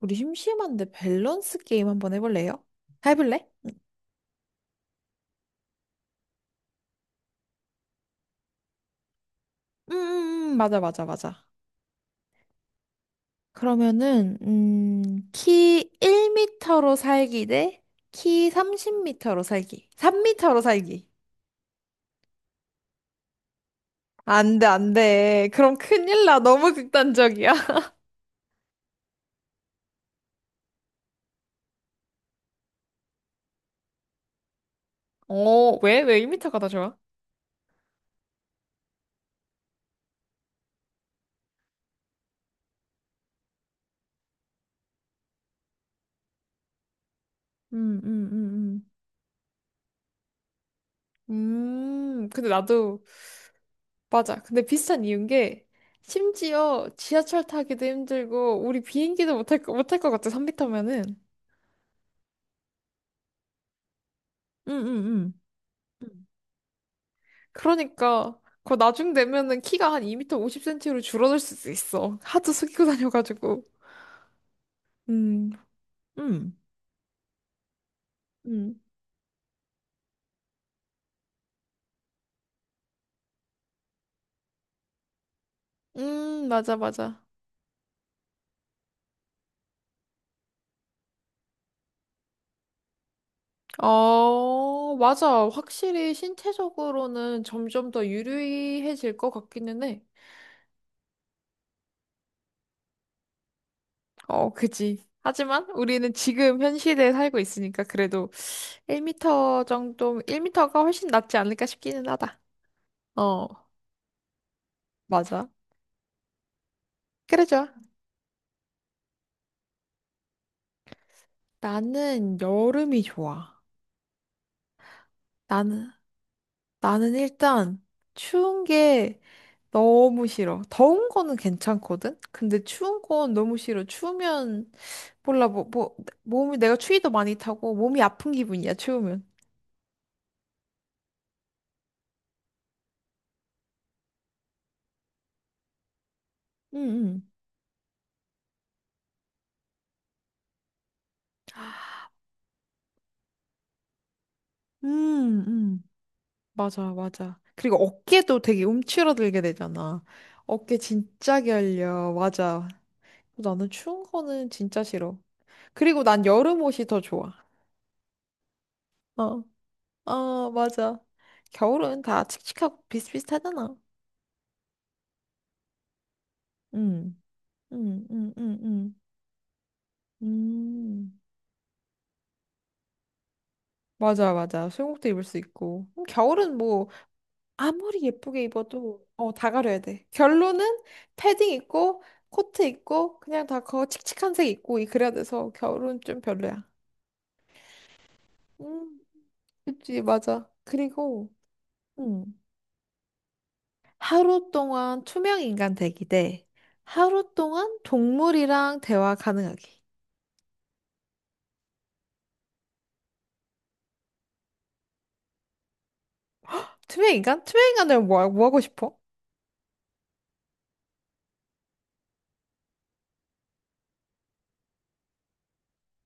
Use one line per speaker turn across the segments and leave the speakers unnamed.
우리 심심한데 밸런스 게임 한번 해볼래요? 해볼래? 맞아, 맞아, 맞아. 그러면은, 키1터로 살기 대 키 3 0터로 살기. 3터로 살기. 안 돼, 안 돼. 그럼 큰일 나. 너무 극단적이야. 어, 왜? 왜1터가 더 좋아? 음, 음, 음, 근데 나도, 맞아. 근데 비슷한 이유인 게, 심지어 지하철 타기도 힘들고, 우리 비행기도 못할, 못할 것 같아, 3터면은. 응응응. 그러니까 그거 나중 되면은 키가 한 2m 50cm로 줄어들 수도 있어. 하도 숙이고 다녀가지고. 음, 응. 음, 맞아, 맞아. 어, 맞아. 확실히 신체적으로는 점점 더 유리해질 것 같기는 해. 어, 그지. 하지만 우리는 지금 현 시대에 살고 있으니까 그래도 1m 정도, 1m가 훨씬 낫지 않을까 싶기는 하다. 어, 맞아. 그래, 좋아. 나는 여름이 좋아. 나는, 나는 일단 추운 게 너무 싫어. 더운 거는 괜찮거든? 근데 추운 건 너무 싫어. 추우면, 몰라, 뭐, 몸이, 내가 추위도 많이 타고 몸이 아픈 기분이야, 추우면. 응, 응. 맞아, 맞아. 그리고 어깨도 되게 움츠러들게 되잖아. 어깨 진짜 결려. 맞아. 나는 추운 거는 진짜 싫어. 그리고 난 여름 옷이 더 좋아. 어. 어, 맞아. 겨울은 다 칙칙하고 비슷비슷하잖아. 응, 응, 응, 응, 응. 음, 맞아, 맞아. 수영복도 입을 수 있고. 겨울은 뭐, 아무리 예쁘게 입어도, 어, 다 가려야 돼. 결론은 패딩 입고, 코트 입고, 그냥 다 그거 칙칙한 색 입고, 그래야 돼서 겨울은 좀 별로야. 음, 그치, 맞아. 그리고, 응. 하루 동안 투명 인간 되기 대 하루 동안 동물이랑 대화 가능하기. 투명인간? 투명인간을 뭐 하고 싶어?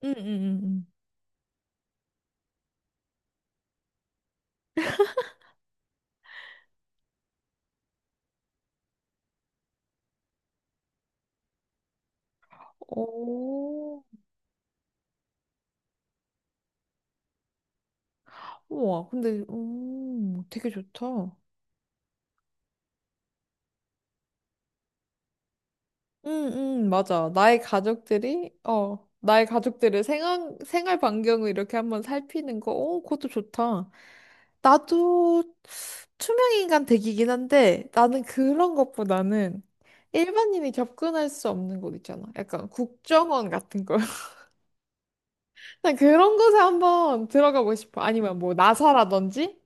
응, 응, 응, 응. 오, 우와, 근데, 되게 좋다. 응, 응, 맞아. 나의 가족들이, 어, 나의 가족들을 생활 반경을 이렇게 한번 살피는 거, 어, 그것도 좋다. 나도 투명인간 되기긴 한데, 나는 그런 것보다는 일반인이 접근할 수 없는 곳 있잖아. 약간 국정원 같은 거. 난 그런 곳에 한번 들어가고 싶어. 아니면 뭐, 나사라든지?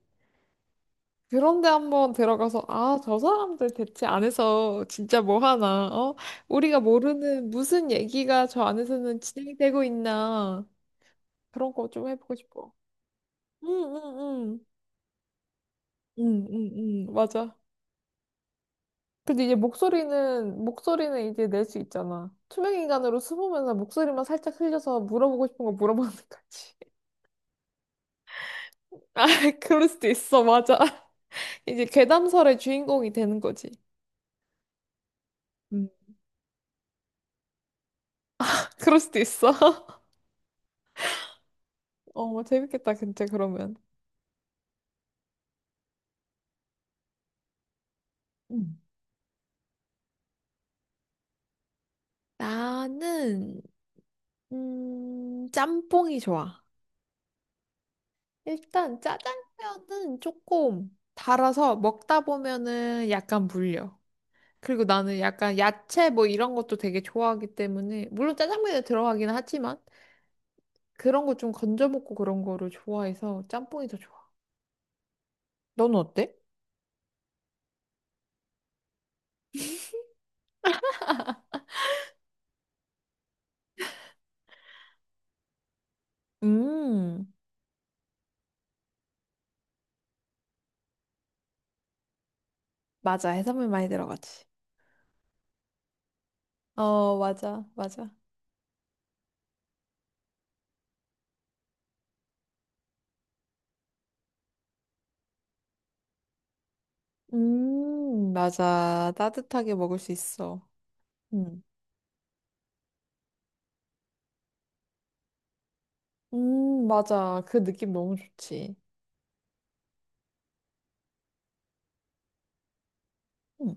그런데 한번 들어가서, 아, 저 사람들 대체 안에서 진짜 뭐 하나, 어? 우리가 모르는 무슨 얘기가 저 안에서는 진행되고 있나. 그런 거 좀 해보고 싶어. 응, 응, 응. 응, 응, 응. 맞아. 근데 이제 목소리는 이제 낼 수 있잖아. 투명인간으로 숨으면서 목소리만 살짝 흘려서 물어보고 싶은 거 물어보는 거지. 아, 그럴 수도 있어. 맞아. 이제 괴담설의 주인공이 되는 거지. 음. 그럴 수도 있어. 어, 재밌겠다, 진짜, 그러면. 음. 나는 짬뽕이 좋아. 일단 짜장면은 조금 달아서 먹다 보면은 약간 물려. 그리고 나는 약간 야채 뭐 이런 것도 되게 좋아하기 때문에 물론 짜장면에 들어가긴 하지만 그런 거 좀 건져 먹고 그런 거를 좋아해서 짬뽕이 더 좋아. 너는 어때? 음, 맞아. 해산물 많이 들어가지. 어, 맞아, 맞아. 맞아. 따뜻하게 먹을 수 있어. 맞아. 그 느낌 너무 좋지. 음,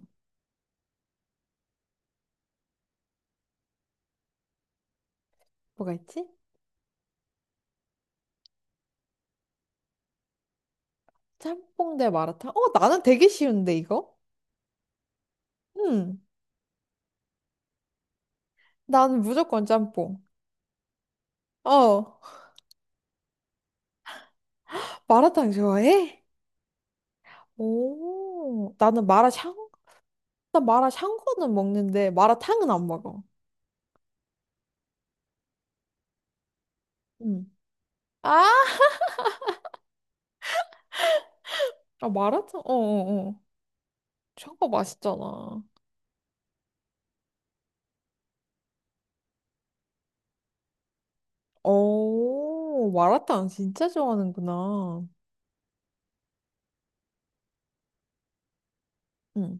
뭐가 있지? 짬뽕 대 마라탕? 어, 나는 되게 쉬운데, 이거? 음, 나는 무조건 짬뽕. 어, 마라탕 좋아해? 오, 나는 마라샹? 나 마라샹궈는 먹는데, 마라탕은 안 먹어. 음. 아, 아, 마라탕? 어, 어, 어. 샹궈 맛있잖아. 오, 마라탕 진짜 좋아하는구나. 응.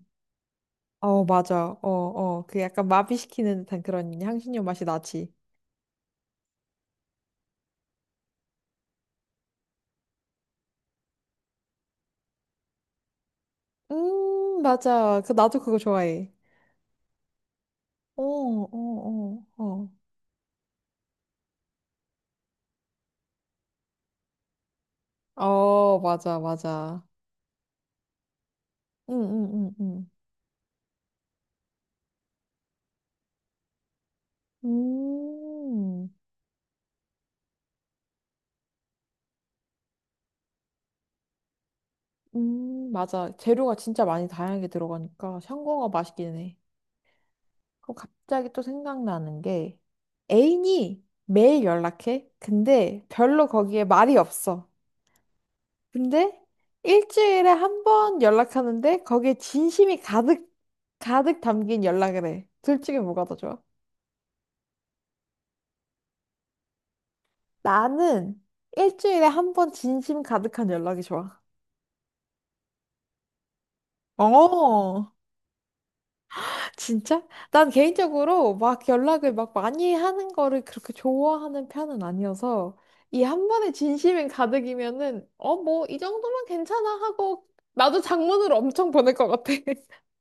어, 맞아. 어, 어. 그 약간 마비시키는 듯한 그런 향신료 맛이 나지. 맞아. 그, 나도 그거 좋아해. 어, 어, 어, 어. 어, 맞아, 맞아. 응, 응, 응, 응. 맞아. 재료가 진짜 많이 다양하게 들어가니까 샹궈가 맛있긴 해. 그럼 갑자기 또 생각나는 게 애인이 매일 연락해. 근데 별로 거기에 말이 없어. 근데 일주일에 한 번 연락하는데 거기에 진심이 가득, 가득 담긴 연락을 해. 둘 중에 뭐가 더 좋아? 나는 일주일에 한 번 진심 가득한 연락이 좋아. 어, 진짜? 난 개인적으로 막 연락을 막 많이 하는 거를 그렇게 좋아하는 편은 아니어서 이 한 번에 진심이 가득이면은 어, 뭐 이 정도면 괜찮아 하고 나도 장문으로 엄청 보낼 것 같아.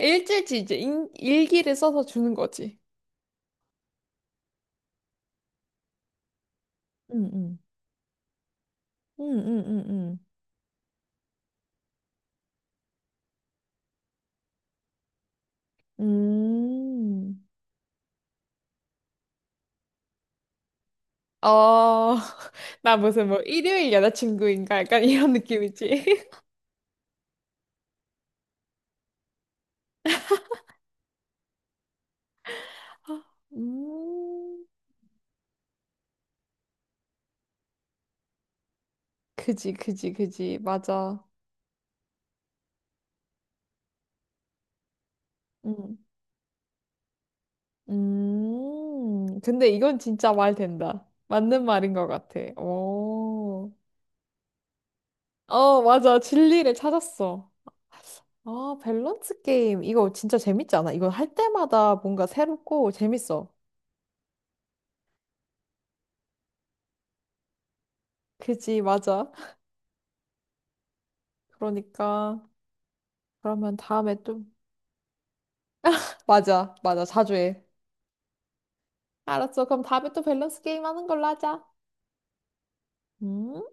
일주일치 이제 일기를 써서 주는 거지. 응, 응, 응, 응, 응, 응. 음. 어, 나 무슨 뭐 일요일 여자친구인가 약간 이런 느낌이지. 아, 음, 그지, 그지, 그지. 맞아. 음, 근데 이건 진짜 말 된다. 맞는 말인 것 같아. 오, 어, 맞아. 진리를 찾았어. 아, 밸런스 게임. 이거 진짜 재밌지 않아? 이거 할 때마다 뭔가 새롭고 재밌어. 그지, 맞아. 그러니까. 그러면 다음에 또. 맞아, 맞아. 자주 해. 알았어. 그럼 다음에 또 밸런스 게임 하는 걸로 하자. 음.